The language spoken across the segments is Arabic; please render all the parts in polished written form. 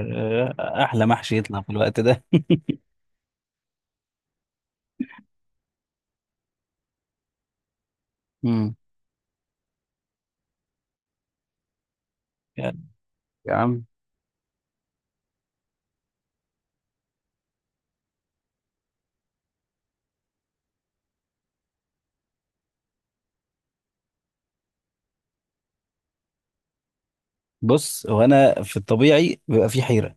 آه، احلى محشي يطلع في الوقت ده مم. يعني يا عم، بص هو انا في الطبيعي بيبقى في حيره.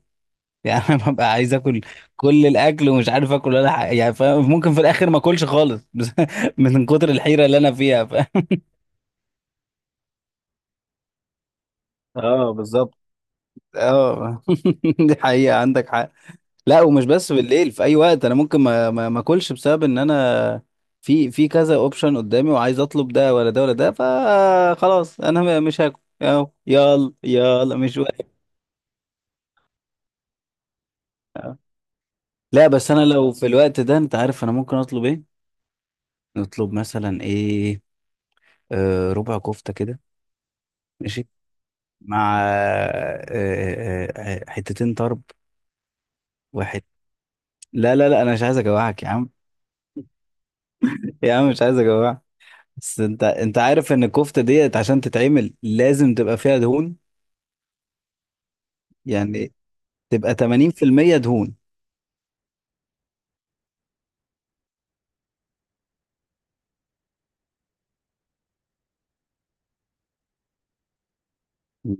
يعني انا ببقى عايز اكل كل الاكل ومش عارف اكل ولا حاجه، يعني فاهم؟ ممكن في الاخر ما اكلش خالص بس من كتر الحيره اللي انا فيها، فاهم؟ اه، بالظبط. اه. دي حقيقه، عندك حق. لا، ومش بس بالليل، في اي وقت انا ممكن ما اكلش بسبب ان انا في كذا اوبشن قدامي وعايز اطلب ده ولا ده ولا ده، فخلاص انا مش هاكل اهو، يلا يلا مش واقف. لا بس انا لو في الوقت ده انت عارف انا ممكن اطلب ايه؟ نطلب مثلا ايه؟ آه، ربع كفتة كده. ماشي. مع حتتين طرب. واحد. لا انا مش عايز اجوعك يا عم. يا عم، مش عايز اجوعك. بس انت عارف ان الكفتة ديت عشان تتعمل لازم تبقى فيها دهون، يعني تبقى 80% دهون. م-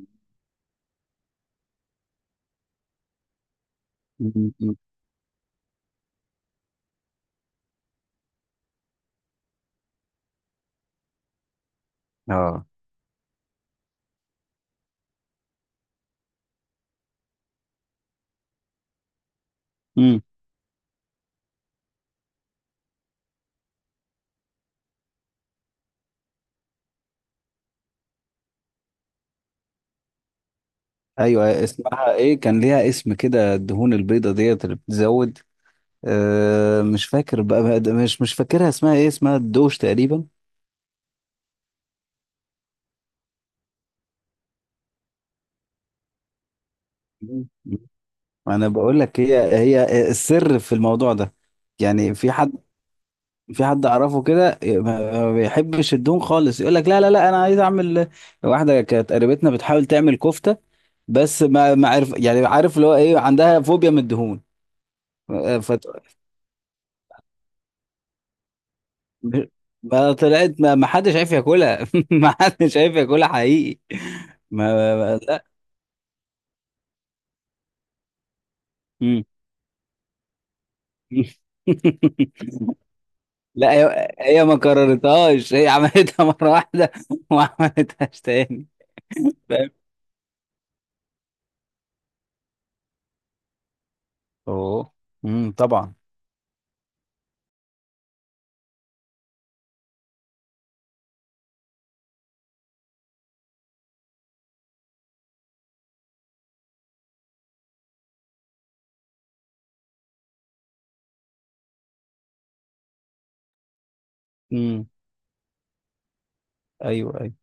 م- م. اه. امم. ايوه، اسمها ايه؟ كان ليها اسم كده، الدهون البيضة ديت اللي بتزود. آه، مش فاكر بقى مش فاكرها اسمها ايه، اسمها الدوش تقريبا. م- م. انا بقول لك، هي السر في الموضوع ده. يعني في حد، في حد اعرفه كده، ما بيحبش الدهون خالص، يقول لك لا انا عايز اعمل. واحده كانت قريبتنا بتحاول تعمل كفته، بس ما عارف يعني، عارف اللي هو ايه؟ عندها فوبيا من الدهون. فت... ما طلعت، ما حدش عارف ياكلها ما حدش عارف ياكلها حقيقي. لا. مم. لا، هي ما كررتهاش، هي عملتها مرة واحدة وما عملتهاش تاني. فاهم. اوه. امم، طبعا. امم. ايوه، ايوه.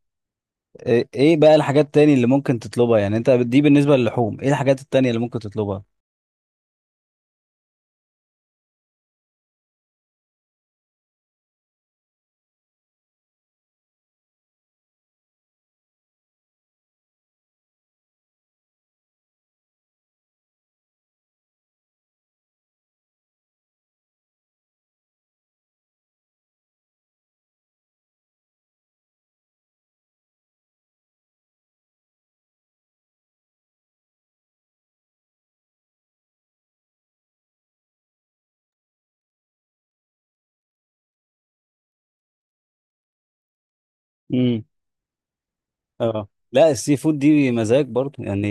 ايه، إيه بقى الحاجات التانية اللي ممكن تطلبها؟ يعني انت دي بالنسبة للحوم، ايه الحاجات التانية اللي ممكن تطلبها؟ اه لا، السي فود دي مزاج برضه يعني،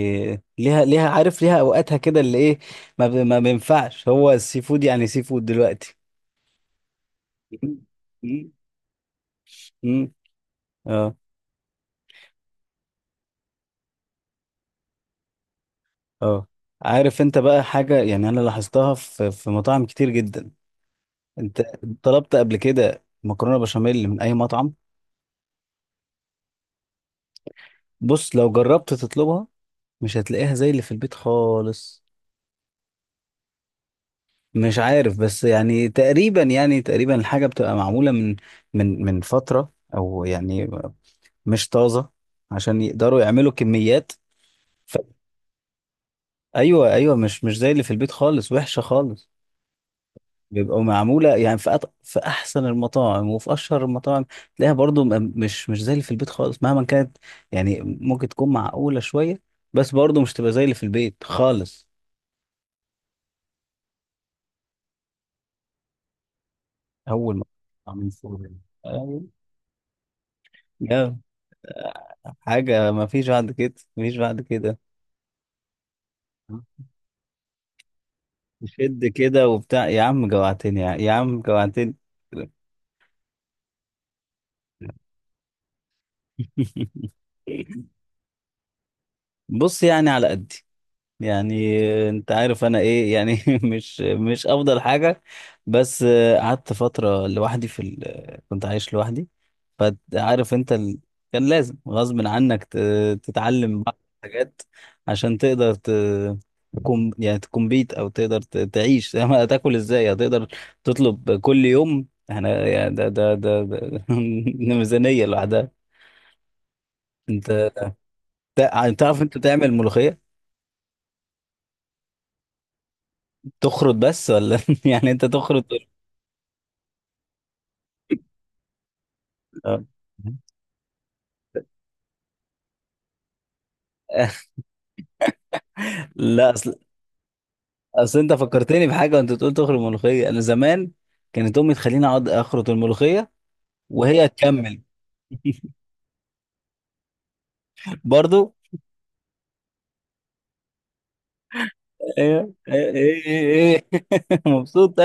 ليها، ليها، عارف ليها اوقاتها كده اللي ايه. ما بينفعش هو السي فود يعني، سي فود دلوقتي. مم. مم. مم. اه. اه، عارف انت بقى حاجة يعني انا لاحظتها في مطاعم كتير جدا. انت طلبت قبل كده مكرونة بشاميل من اي مطعم؟ بص، لو جربت تطلبها مش هتلاقيها زي اللي في البيت خالص. مش عارف، بس يعني تقريبا، يعني تقريبا الحاجة بتبقى معمولة من من فترة او يعني مش طازة، عشان يقدروا يعملوا كميات. ف... ايوه ايوه، مش زي اللي في البيت خالص، وحشة خالص. بيبقوا معمولة يعني في في احسن المطاعم وفي اشهر المطاعم، تلاقيها برضو مش زي اللي في البيت خالص مهما كانت. يعني ممكن تكون معقولة شوية، بس برضو مش تبقى زي اللي في البيت خالص. اول ما عاملين فول يعني. أيوة. يا حاجة، ما فيش بعد كده، ما فيش بعد كده. شد كده وبتاع، يا عم جوعتني، يا عم جوعتني. بص يعني على قدي. يعني انت عارف انا ايه يعني مش افضل حاجة. بس قعدت فترة لوحدي في كنت عايش لوحدي. فعارف انت كان لازم غصب عنك تتعلم بعض الحاجات، عشان تقدر تكون يعني تكمبيت، او تقدر تعيش. هتاكل ازاي؟ هتقدر تطلب كل يوم؟ احنا يعني ده ميزانية لوحدها. انت تعرف انت تعمل ملوخية؟ تخرط بس ولا يعني انت تخرط؟ آه. لا اصل، اصل انت فكرتني بحاجه وانت بتقول تخرط ملوخيه. انا زمان كانت امي تخليني اقعد اخرط الملوخيه وهي تكمل. برضو. ايه ايه ايه, إيه. مبسوط.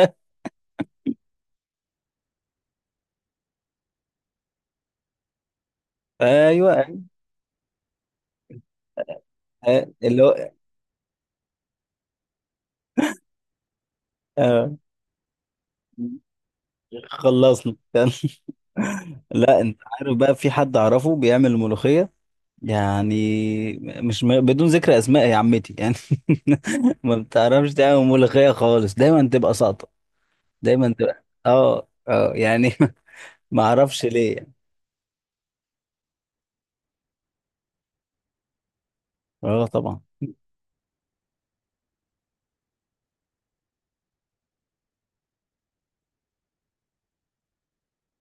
ايوه. آه، اللي هو. آه. خلصنا. لا انت عارف بقى، في حد اعرفه بيعمل ملوخيه يعني، مش م... بدون ذكر اسماء يا عمتي يعني. ما بتعرفش تعمل ملوخيه خالص، دايما تبقى ساقطه، دايما تبقى، اه يعني ما اعرفش ليه يعني. اه طبعا.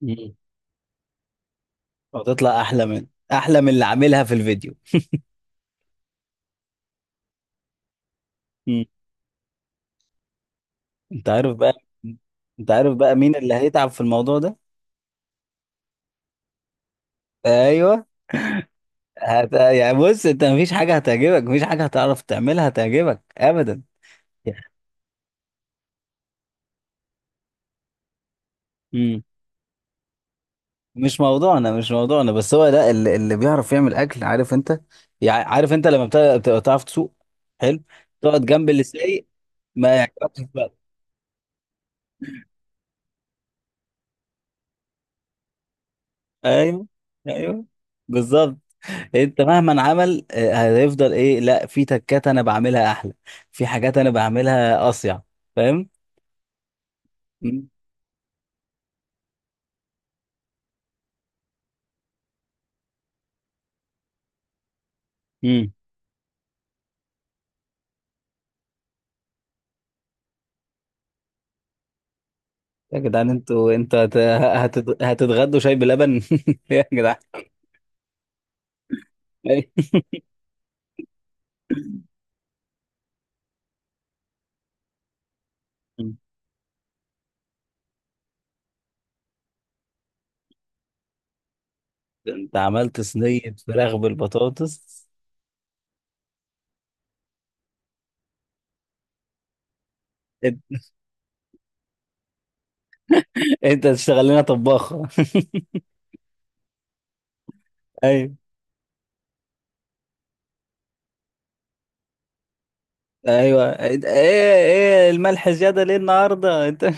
مم. وتطلع احلى من احلى من اللي عاملها في الفيديو. مم. انت عارف بقى، انت عارف بقى مين اللي هيتعب في الموضوع ده؟ ايوه. يعني بص، انت مفيش حاجه هتعجبك، مفيش حاجه هتعرف تعملها هتعجبك. ابدا. مش موضوعنا، مش موضوعنا، بس هو لا اللي بيعرف يعمل اكل، عارف انت، يعني عارف انت لما بتبقى بتعرف تسوق. حلو. تقعد جنب اللي سايق، ما يعجبكش بقى. ايوه ايوه، بالظبط. انت مهما عمل هيفضل ايه، لا في تكات انا بعملها احلى، في حاجات انا بعملها اصيع. فاهم. مم. مم. يا جدعان، انتوا هتتغدوا شاي بلبن يا جدعان. انت عملت صينية فراخ بالبطاطس؟ انت تشتغل لنا طباخ. ايوه ايوه. ايه الملح زياده ليه النهارده انت؟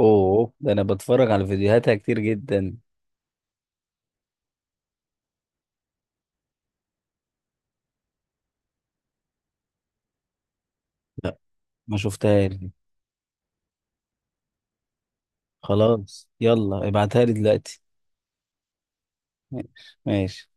اوه ده انا بتفرج على فيديوهاتها كتير جدا. لا ما شفتهاش. خلاص يلا ابعتها لي دلوقتي. ماشي. ماشي.